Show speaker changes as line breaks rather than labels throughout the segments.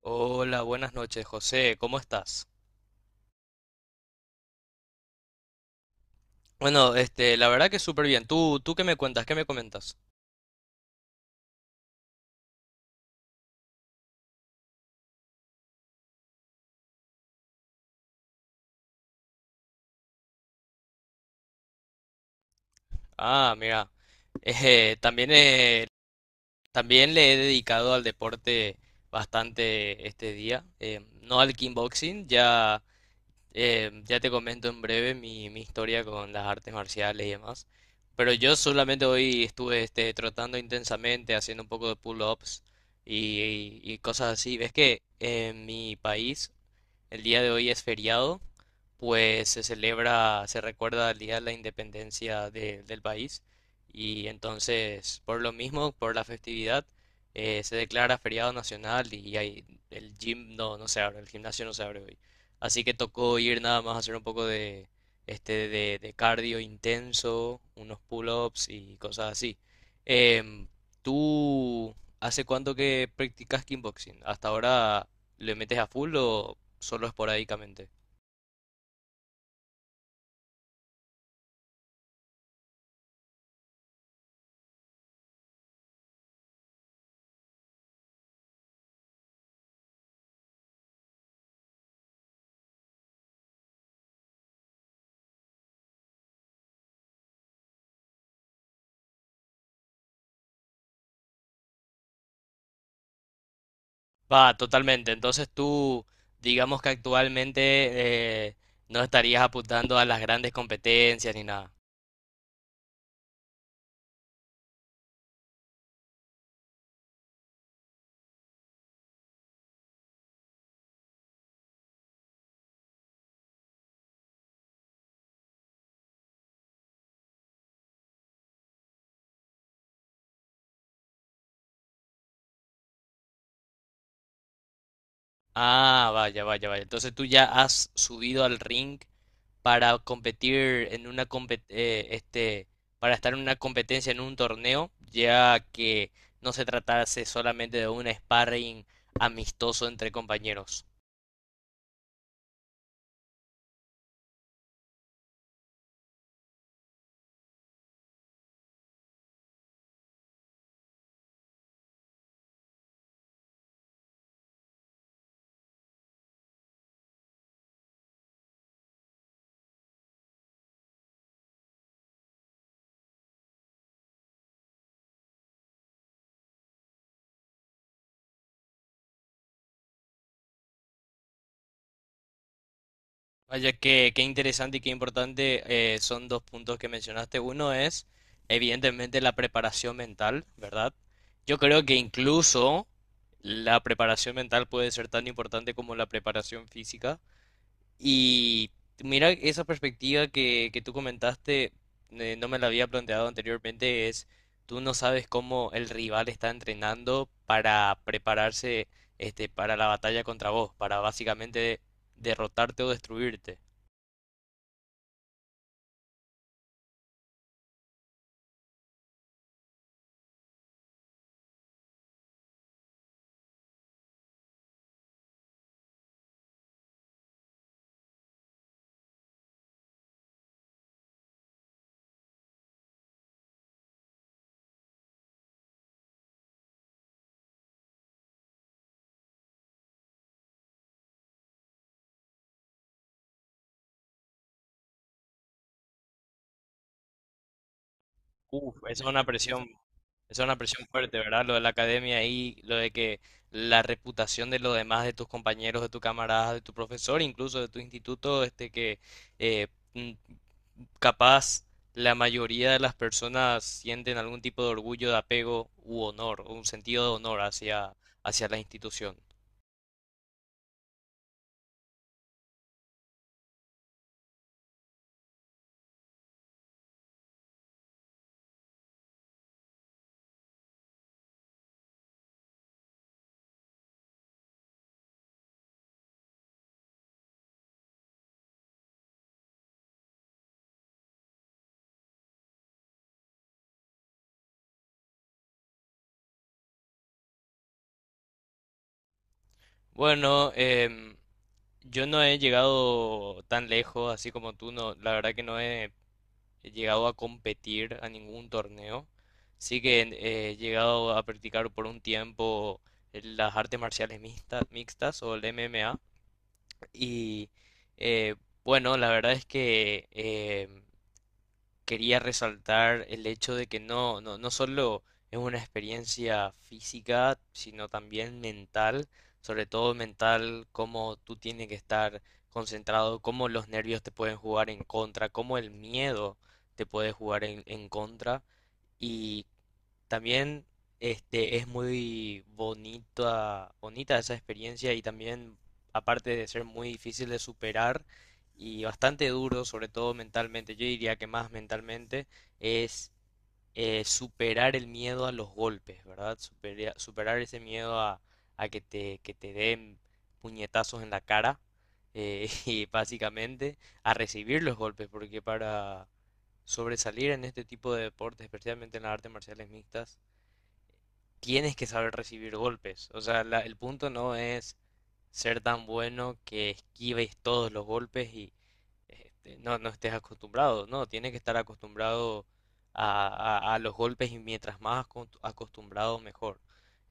Hola, buenas noches, José. ¿Cómo estás? Bueno, la verdad que súper bien. ¿Tú ¿qué me cuentas? ¿Qué me comentas? Ah, mira. También, también le he dedicado al deporte bastante este día. No al kickboxing, ya. Ya te comento en breve mi historia con las artes marciales y demás. Pero yo solamente hoy estuve trotando intensamente, haciendo un poco de pull-ups y cosas así. Ves que en mi país el día de hoy es feriado, pues se celebra, se recuerda el día de la independencia del país. Y entonces, por lo mismo, por la festividad, se declara feriado nacional el gym no, no se abre, el gimnasio no se abre hoy. Así que tocó ir nada más a hacer un poco de cardio intenso, unos pull-ups y cosas así. Em, ¿Tú hace cuánto que practicas kickboxing? ¿Hasta ahora le metes a full o solo esporádicamente? Va, totalmente. Entonces tú, digamos que actualmente eh, no estarías apuntando a las grandes competencias ni nada. Ah, vaya, vaya, vaya. Entonces tú ya has subido al ring para competir en una para estar en una competencia en un torneo, ya que no se tratase solamente de un sparring amistoso entre compañeros. Vaya que qué interesante y qué importante, son dos puntos que mencionaste. Uno es, evidentemente, la preparación mental, ¿verdad? Yo creo que incluso la preparación mental puede ser tan importante como la preparación física. Y mira, esa perspectiva que tú comentaste, no me la había planteado anteriormente, es tú no sabes cómo el rival está entrenando para prepararse, para la batalla contra vos, para básicamente derrotarte o destruirte. Uf, esa es una presión. Esa es una presión fuerte, ¿verdad? Lo de la academia y lo de que la reputación de los demás, de tus compañeros, de tu camaradas, de tu profesor, incluso de tu instituto, este que eh, mm, capaz la mayoría de las personas sienten algún tipo de orgullo, de apego u honor, o un sentido de honor hacia, hacia la institución. Bueno, yo no he llegado tan lejos, así como tú, no, la verdad que no he he llegado a competir a ningún torneo. Sí que he llegado a practicar por un tiempo las artes marciales mixtas o el MMA. Y eh, bueno, la verdad es que quería resaltar el hecho de que no solo es una experiencia física, sino también mental, sobre todo mental, cómo tú tienes que estar concentrado, cómo los nervios te pueden jugar en contra, cómo el miedo te puede jugar en contra y también es muy bonita esa experiencia y también, aparte de ser muy difícil de superar y bastante duro, sobre todo mentalmente, yo diría que más mentalmente, es superar el miedo a los golpes, ¿verdad? Superar ese miedo a que que te den puñetazos en la cara, y básicamente a recibir los golpes, porque para sobresalir en este tipo de deportes, especialmente en las artes marciales mixtas, tienes que saber recibir golpes. O sea, el punto no es ser tan bueno que esquives todos los golpes y no estés acostumbrado. No, tienes que estar acostumbrado a, a los golpes y mientras más acostumbrado, mejor.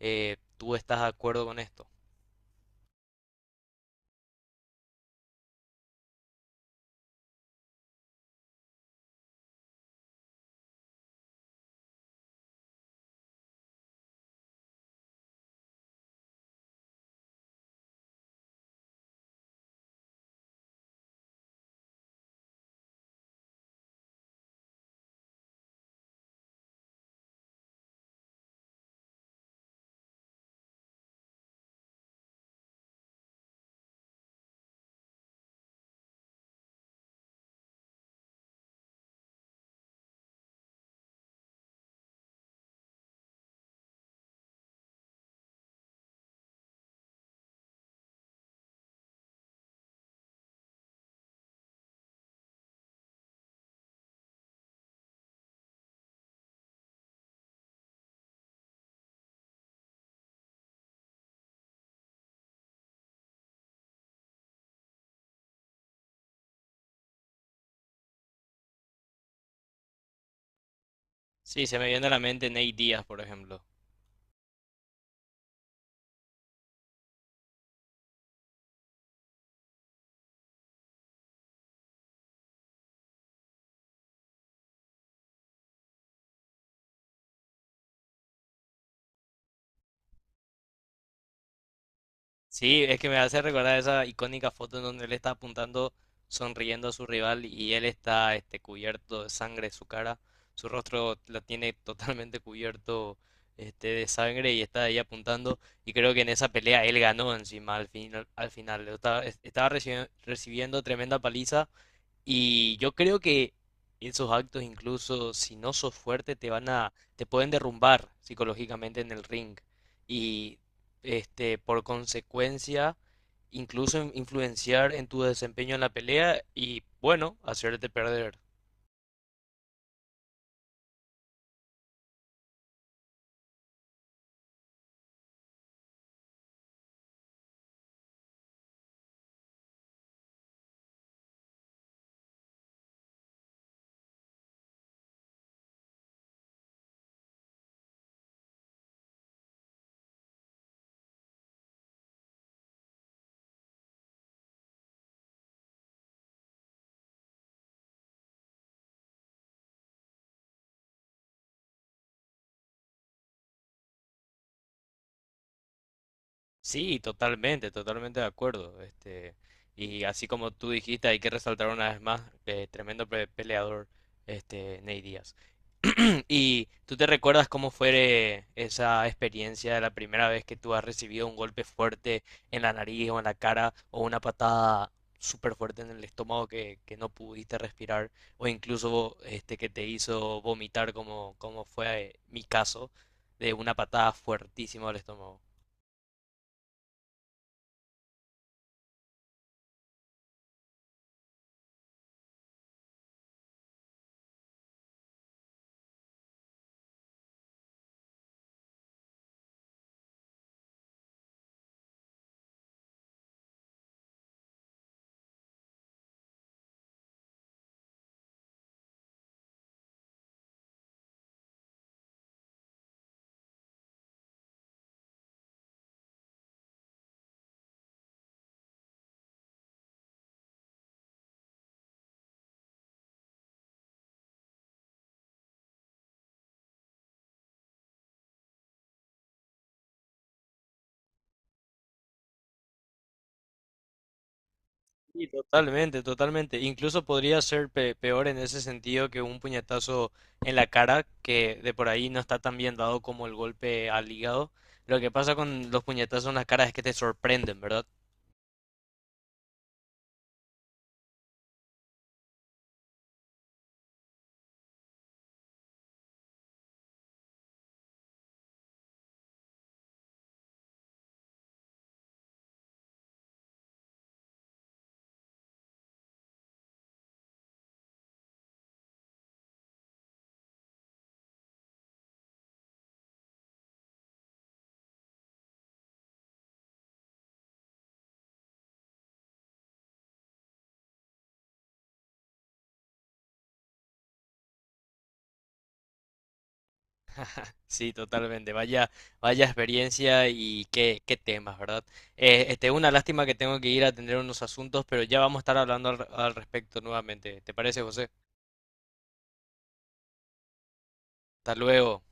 ¿Tú estás de acuerdo con esto? Sí, se me viene a la mente Nate Díaz, por ejemplo. Sí, es que me hace recordar esa icónica foto en donde él está apuntando, sonriendo a su rival y él está cubierto de sangre, su cara, su rostro la tiene totalmente cubierto, de sangre y está ahí apuntando. Y creo que en esa pelea él ganó encima al final, al final. Estaba recibiendo tremenda paliza y yo creo que esos actos, incluso si no sos fuerte, te van te pueden derrumbar psicológicamente en el ring. Y por consecuencia, incluso influenciar en tu desempeño en la pelea y, bueno, hacerte perder. Sí, totalmente, totalmente de acuerdo. Este, y así como tú dijiste, hay que resaltar una vez más, tremendo peleador, este, Ney Díaz. ¿Y tú te recuerdas cómo fue esa experiencia de la primera vez que tú has recibido un golpe fuerte en la nariz o en la cara o una patada súper fuerte en el estómago que no pudiste respirar o incluso que te hizo vomitar como, como fue mi caso de una patada fuertísima al estómago? Sí, totalmente, totalmente. Incluso podría ser peor en ese sentido que un puñetazo en la cara, que de por ahí no está tan bien dado como el golpe al hígado. Lo que pasa con los puñetazos en la cara es que te sorprenden, ¿verdad? Sí, totalmente. Vaya, vaya experiencia y qué, qué temas, ¿verdad? Una lástima que tengo que ir a atender unos asuntos, pero ya vamos a estar hablando al respecto nuevamente. ¿Te parece, José? Hasta luego.